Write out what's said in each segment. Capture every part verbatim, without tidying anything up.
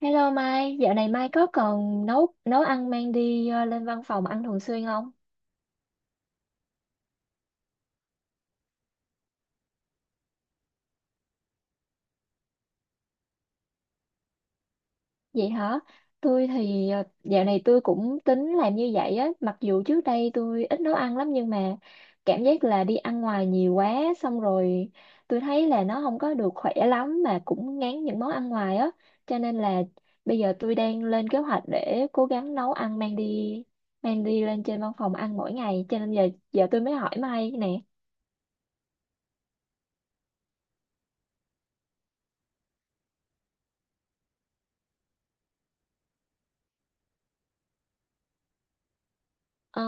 Hello Mai, dạo này Mai có còn nấu nấu ăn mang đi ờ, lên văn phòng ăn thường xuyên không? Vậy hả? Tôi thì ờ, dạo này tôi cũng tính làm như vậy á, mặc dù trước đây tôi ít nấu ăn lắm nhưng mà cảm giác là đi ăn ngoài nhiều quá xong rồi tôi thấy là nó không có được khỏe lắm mà cũng ngán những món ăn ngoài á, cho nên là bây giờ tôi đang lên kế hoạch để cố gắng nấu ăn mang đi mang đi lên trên văn phòng ăn mỗi ngày, cho nên giờ giờ tôi mới hỏi Mai nè. Ờ,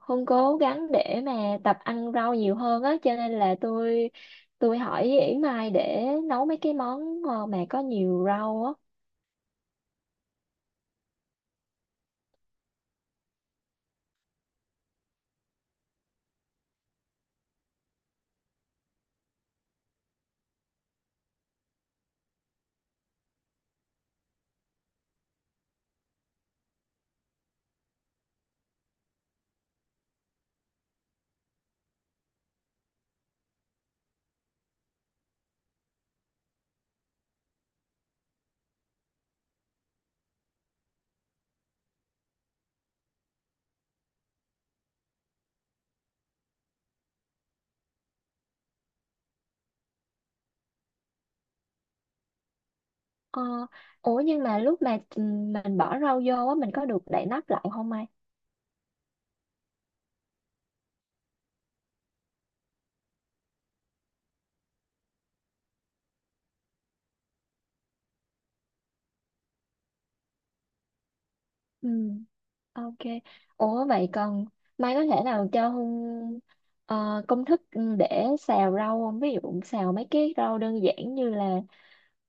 Hương cố gắng để mà tập ăn rau nhiều hơn á cho nên là tôi tôi hỏi Yển Mai để nấu mấy cái món ờ, mà có nhiều rau á. Ờ, ủa nhưng mà lúc mà ừm, mình bỏ rau vô á mình có được đậy nắp lại không Mai? Ừ. Ok. Ủa vậy còn Mai có thể nào cho Hương ờ, công thức ừ, để xào rau không? Ví dụ xào mấy cái rau đơn giản như là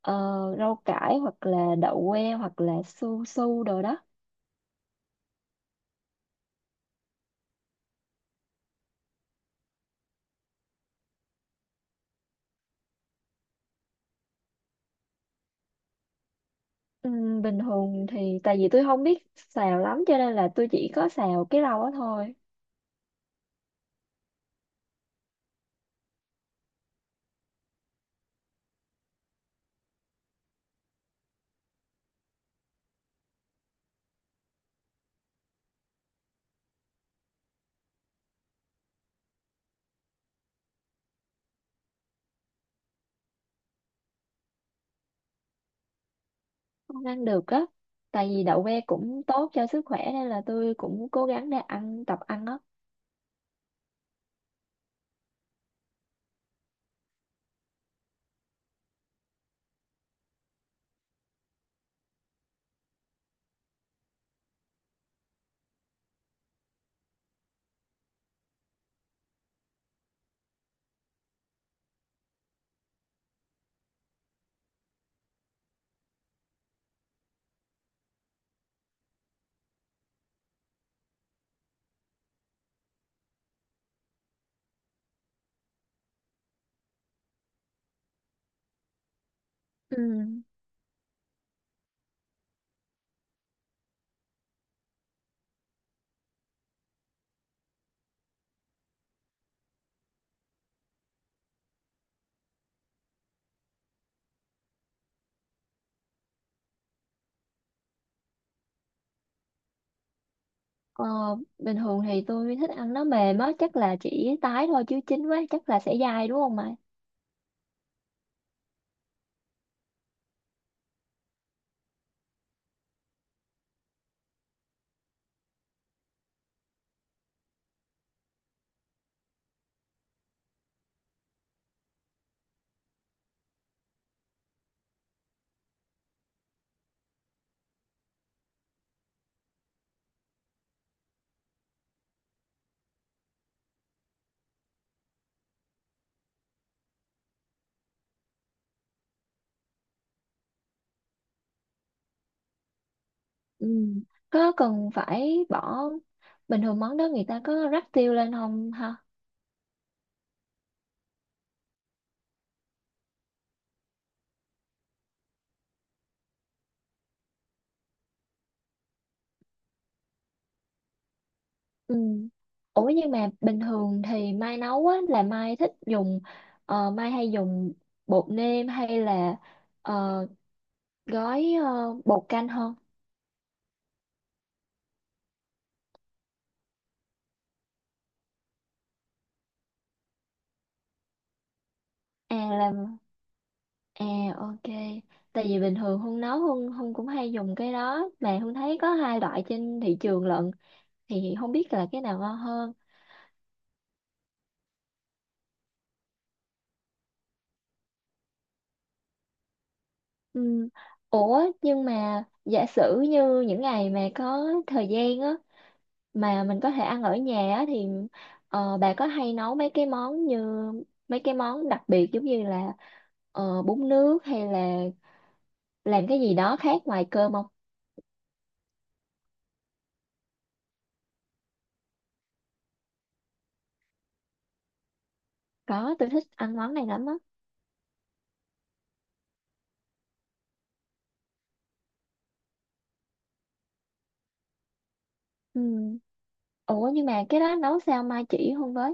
ờ, rau cải hoặc là đậu que hoặc là su su đồ đó. Ừm, bình thường thì tại vì tôi không biết xào lắm cho nên là tôi chỉ có xào cái rau đó thôi. Không ăn được á tại vì đậu que cũng tốt cho sức khỏe nên là tôi cũng cố gắng để ăn tập ăn á. Ừ. ờ, Bình thường thì tôi thích ăn nó mềm á chắc là chỉ tái thôi chứ chín quá chắc là sẽ dai đúng không mày? Ừ. Có cần phải bỏ bình thường món đó người ta có rắc tiêu lên không? Ừ. Ủa nhưng mà bình thường thì Mai nấu á là Mai thích dùng ờ, Mai hay dùng bột nêm hay là ờ, gói ờ, bột canh hơn? À là à ok. Tại vì bình thường Hương nấu Hương Hương cũng hay dùng cái đó mà Hương thấy có hai loại trên thị trường lận thì không biết là cái nào ngon hơn. Ừ. Ủa nhưng mà giả sử như những ngày mà có thời gian á mà mình có thể ăn ở nhà á, thì ờ, bà có hay nấu mấy cái món như mấy cái món đặc biệt giống như là ờ, bún nước hay là làm cái gì đó khác ngoài cơm không? Có, tôi thích ăn món này lắm á. Ừ. Ủa nhưng mà cái đó nấu sao mai chỉ không với?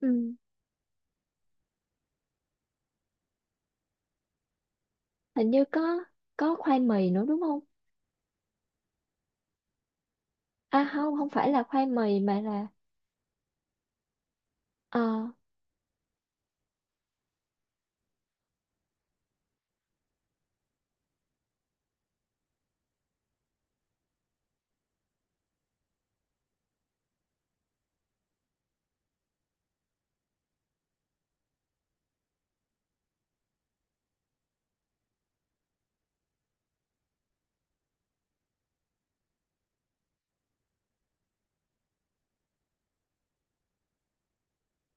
Ừ. Hình như có có khoai mì nữa đúng không? À không, không phải là khoai mì mà là ờ.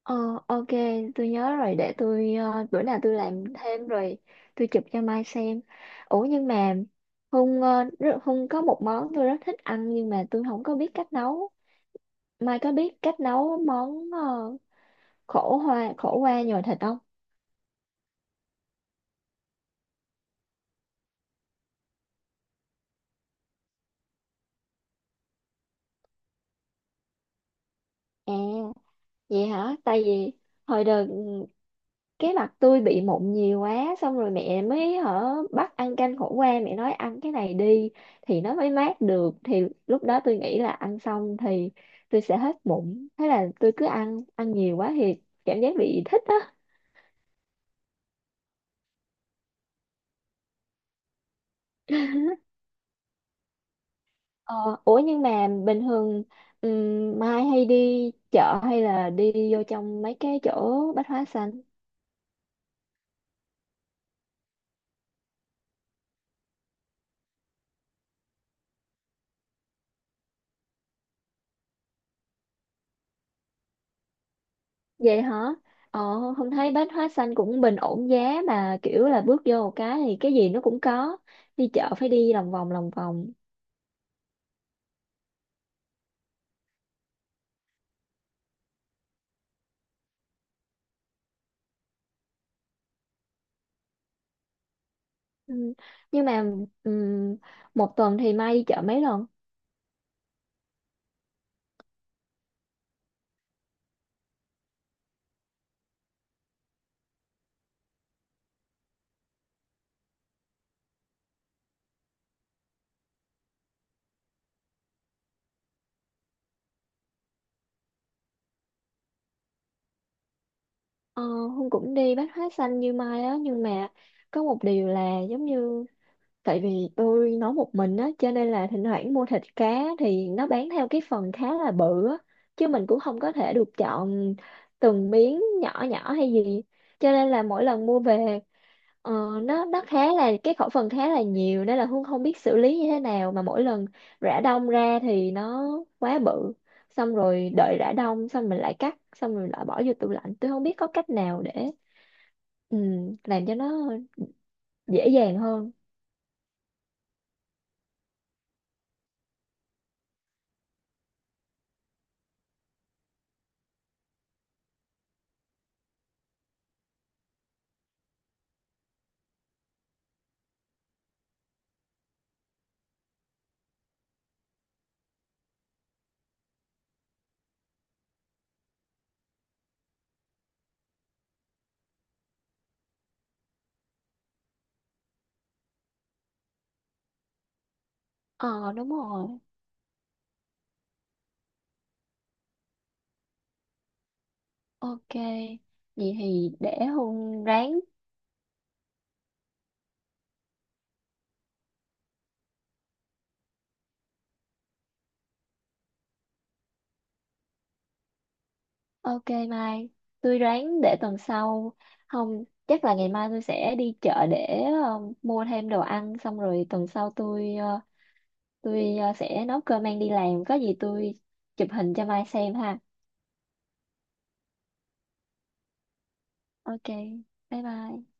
Ờ, ok, tôi nhớ rồi để tôi ờ, bữa nào tôi làm thêm rồi tôi chụp cho Mai xem. Ủa nhưng mà Hung ờ, rất- Hung có một món tôi rất thích ăn nhưng mà tôi không có biết cách nấu. Mai có biết cách nấu món ờ, khổ hoa khổ qua nhồi thịt không? À, vậy hả? Tại vì hồi đợt ừ, cái mặt tôi bị mụn nhiều quá xong rồi mẹ mới hở bắt ăn canh khổ qua mẹ nói ăn cái này đi thì nó mới mát được thì lúc đó tôi nghĩ là ăn xong thì tôi sẽ hết mụn thế là tôi cứ ăn ăn nhiều quá thì cảm giác bị thích á. Ờ, ủa nhưng mà bình thường ừm, Mai hay đi chợ hay là đi vô trong mấy cái chỗ bách hóa xanh? Vậy hả? Ờ, không thấy bách hóa xanh cũng bình ổn giá mà kiểu là bước vô một cái thì cái gì nó cũng có. Đi chợ phải đi lòng vòng lòng vòng. Ừ. Nhưng mà ừm, một tuần thì Mai đi chợ mấy lần? Ờ, Hương cũng đi bách hóa xanh như Mai á nhưng mà có một điều là giống như tại vì tôi nấu một mình á cho nên là thỉnh thoảng mua thịt cá thì nó bán theo cái phần khá là bự á chứ mình cũng không có thể được chọn từng miếng nhỏ nhỏ hay gì cho nên là mỗi lần mua về ờ, nó nó khá là cái khẩu phần khá là nhiều nên là Hương không biết xử lý như thế nào mà mỗi lần rã đông ra thì nó quá bự xong rồi đợi rã đông xong mình lại cắt xong rồi lại bỏ vô tủ lạnh tôi không biết có cách nào để ừ, làm cho nó dễ dàng hơn. Ờ đúng rồi. Ok. Vậy thì để Hùng ráng. Ok Mai. Tôi ráng để tuần sau. Không, chắc là ngày mai tôi sẽ đi chợ để ờ, mua thêm đồ ăn xong rồi tuần sau tôi tôi ờ, sẽ nấu cơm mang đi làm có gì tôi chụp hình cho Mai xem ha. Ok. Bye bye.